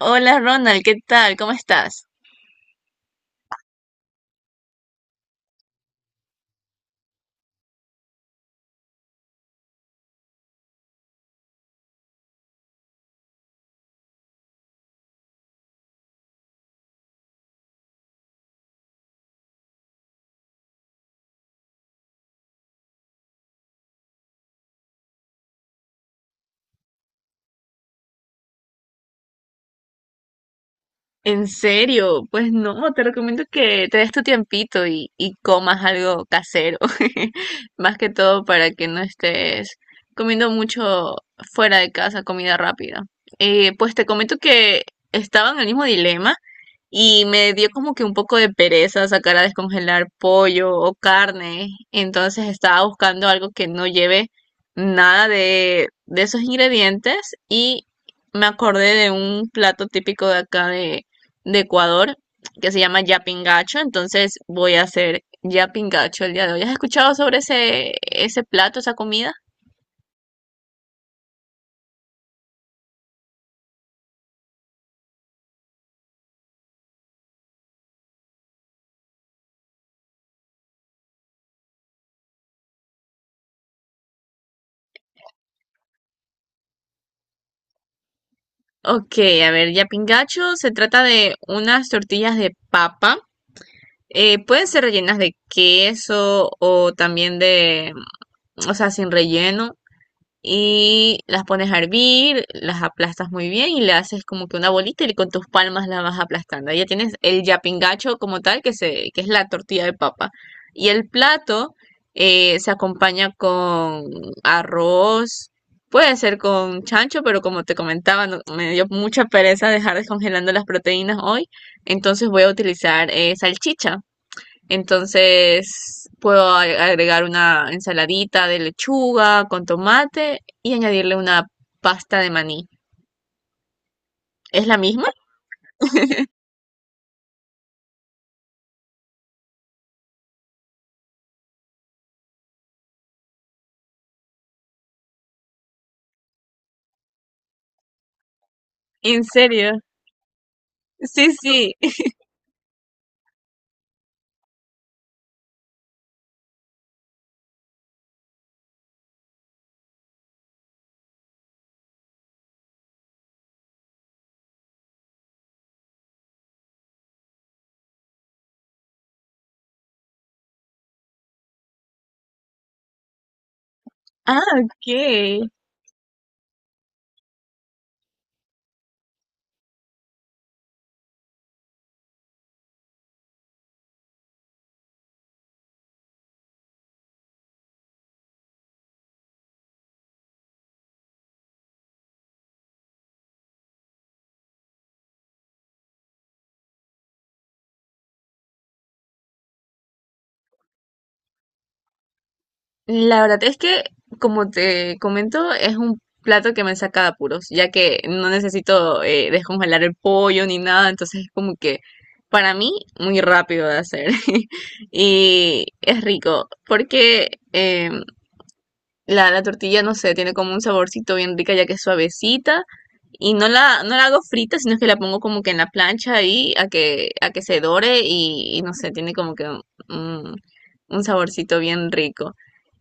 Hola Ronald, ¿qué tal? ¿Cómo estás? En serio, pues no, te recomiendo que te des tu tiempito y comas algo casero, más que todo para que no estés comiendo mucho fuera de casa, comida rápida. Pues te comento que estaba en el mismo dilema y me dio como que un poco de pereza sacar a descongelar pollo o carne, entonces estaba buscando algo que no lleve nada de esos ingredientes y me acordé de un plato típico de acá de Ecuador que se llama yapingacho, entonces voy a hacer yapingacho el día de hoy. ¿Has escuchado sobre ese plato, esa comida? Ok, a ver, yapingacho se trata de unas tortillas de papa. Pueden ser rellenas de queso o también o sea, sin relleno. Y las pones a hervir, las aplastas muy bien y le haces como que una bolita y con tus palmas la vas aplastando. Ahí ya tienes el yapingacho como tal, que es la tortilla de papa. Y el plato se acompaña con arroz, puede ser con chancho, pero como te comentaba, me dio mucha pereza dejar descongelando las proteínas hoy, entonces voy a utilizar salchicha. Entonces puedo agregar una ensaladita de lechuga con tomate y añadirle una pasta de maní. ¿Es la misma? ¿En serio? Sí, sí. Ah, ok. La verdad es que, como te comento, es un plato que me saca de apuros, ya que no necesito descongelar el pollo ni nada, entonces es como que para mí muy rápido de hacer y es rico, porque la, la tortilla, no sé, tiene como un saborcito bien rica ya que es suavecita y no no la hago frita, sino que la pongo como que en la plancha ahí a que se dore y no sé, tiene como que un, un saborcito bien rico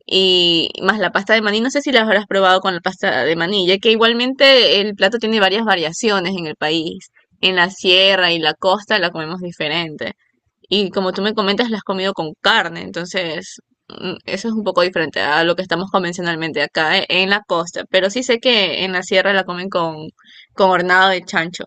y más la pasta de maní. No sé si la habrás probado con la pasta de maní, ya que igualmente el plato tiene varias variaciones en el país. En la sierra y la costa la comemos diferente. Y como tú me comentas, la has comido con carne, entonces eso es un poco diferente a lo que estamos convencionalmente acá en la costa. Pero sí sé que en la sierra la comen con hornado de chancho.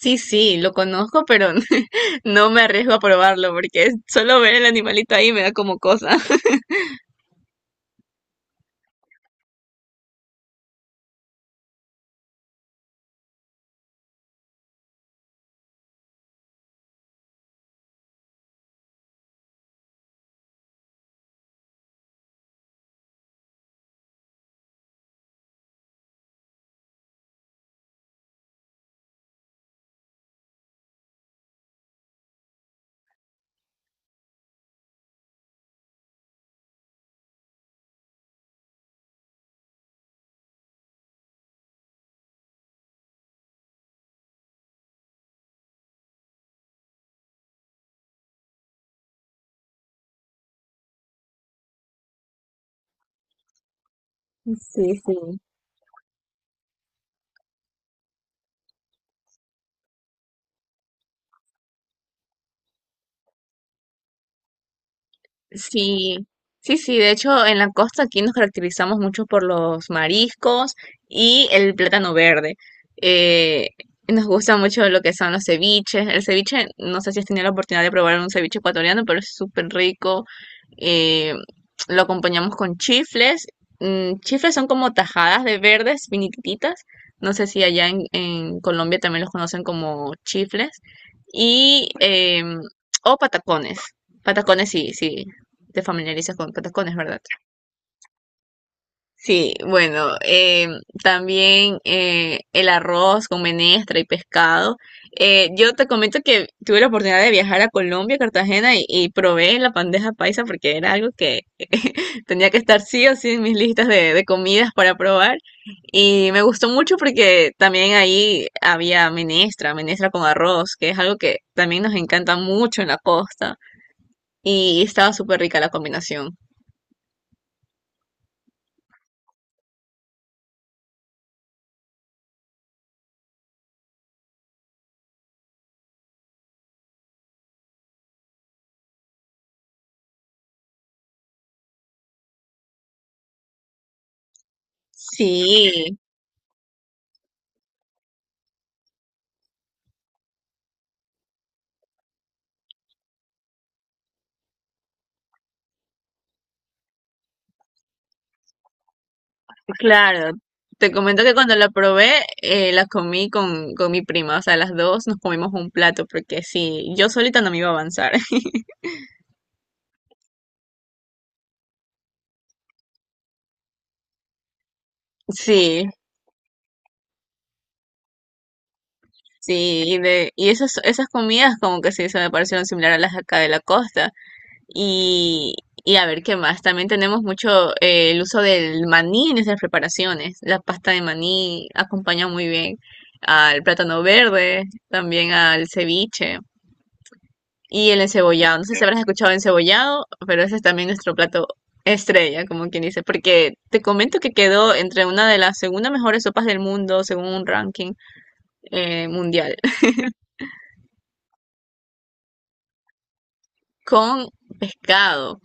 Sí, sí, lo conozco, pero no me arriesgo a probarlo porque solo ver el animalito ahí me da como cosa. Sí, sí. Sí, sí, sí, de hecho en la costa aquí nos caracterizamos mucho por los mariscos y el plátano verde. Eh, Nos gusta mucho lo que son los ceviches. El ceviche, no sé si has tenido la oportunidad de probar un ceviche ecuatoriano, pero es súper rico. Eh, lo acompañamos con chifles. Mm, chifles son como tajadas de verdes finititas. No sé si allá en Colombia también los conocen como chifles. Y, em, o patacones. Patacones, sí, sí te familiarizas con patacones, ¿verdad? Sí, bueno, también el arroz con menestra y pescado. Yo te comento que tuve la oportunidad de viajar a Colombia, Cartagena, y probé la bandeja paisa porque era algo que tenía que estar sí o sí en mis listas de comidas para probar. Y me gustó mucho porque también ahí había menestra, menestra con arroz, que es algo que también nos encanta mucho en la costa. Y estaba súper rica la combinación. Sí. Claro, te comento que cuando la probé, la comí con mi prima, o sea, las dos nos comimos un plato, porque sí, yo solita no me iba a avanzar. Sí, sí, y esas, esas comidas como que sí se me parecieron similar a las de acá de la costa. Y, y a ver qué más, también tenemos mucho el uso del maní en esas preparaciones. La pasta de maní acompaña muy bien al plátano verde, también al ceviche. Y el encebollado, no sé, sí, si habrás escuchado encebollado, pero ese es también nuestro plato estrella, como quien dice, porque te comento que quedó entre una de las segunda mejores sopas del mundo, según un ranking mundial, con pescado.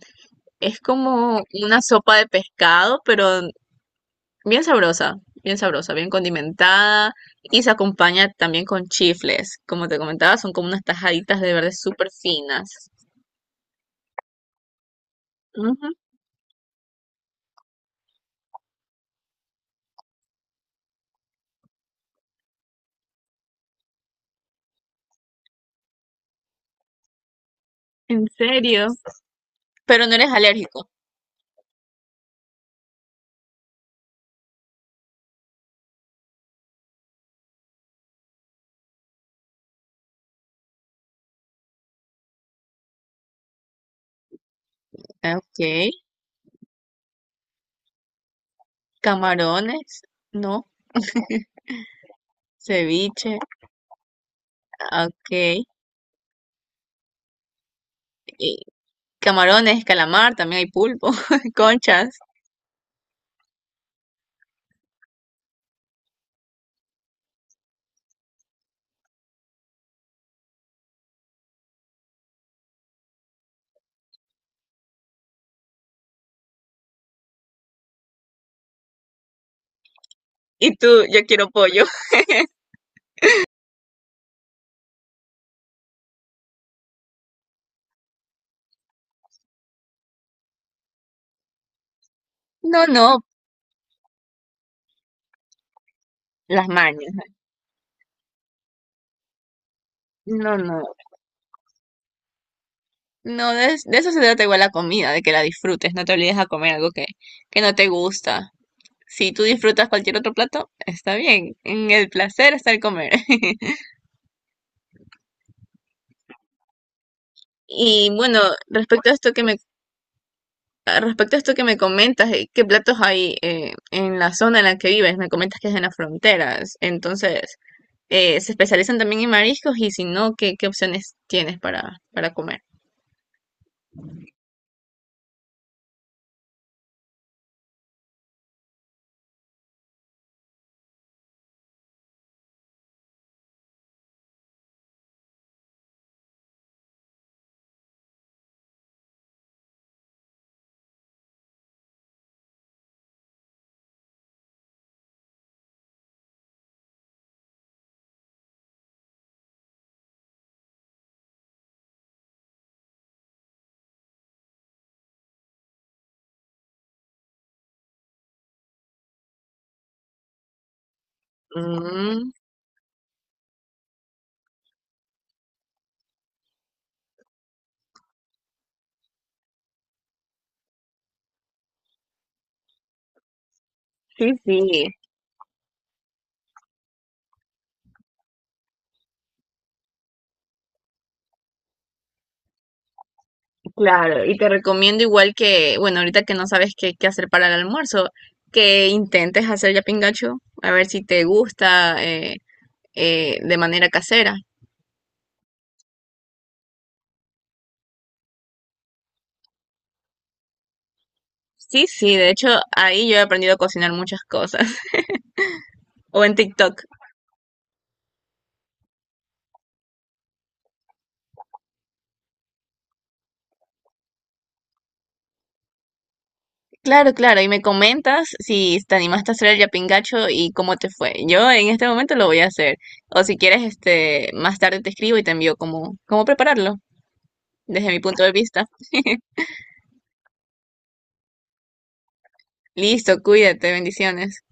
Es como una sopa de pescado, pero bien sabrosa, bien sabrosa, bien condimentada y se acompaña también con chifles. Como te comentaba, son como unas tajaditas de verde súper finas. Ujú, ¿en serio? Pero no eres alérgico. Ok. Camarones, ¿no? Ceviche, ah, ok. Y camarones, calamar, también hay pulpo, conchas. Y tú, yo quiero pollo. No, no, las mañas. No, no. No, de eso se trata igual la comida, de que la disfrutes. No te olvides a comer algo que no te gusta. Si tú disfrutas cualquier otro plato, está bien. En el placer está el comer. Y bueno, respecto a esto que me Respecto a esto que me comentas, ¿qué platos hay en la zona en la que vives? Me comentas que es en las fronteras. Entonces, ¿se especializan también en mariscos? Y si no, ¿qué opciones tienes para comer? Mm, sí, sí, claro. Y te recomiendo igual que, bueno, ahorita que no sabes qué hacer para el almuerzo, que intentes hacer ya pingacho, a ver si te gusta de manera casera. Sí, sí, de hecho, ahí yo he aprendido a cocinar muchas cosas. O en TikTok. Claro, claro, y me comentas si te animaste a hacer el yapingacho y cómo te fue. Yo en este momento lo voy a hacer. O si quieres, este, más tarde te escribo y te envío cómo, cómo prepararlo desde mi punto de vista. Listo, cuídate, bendiciones.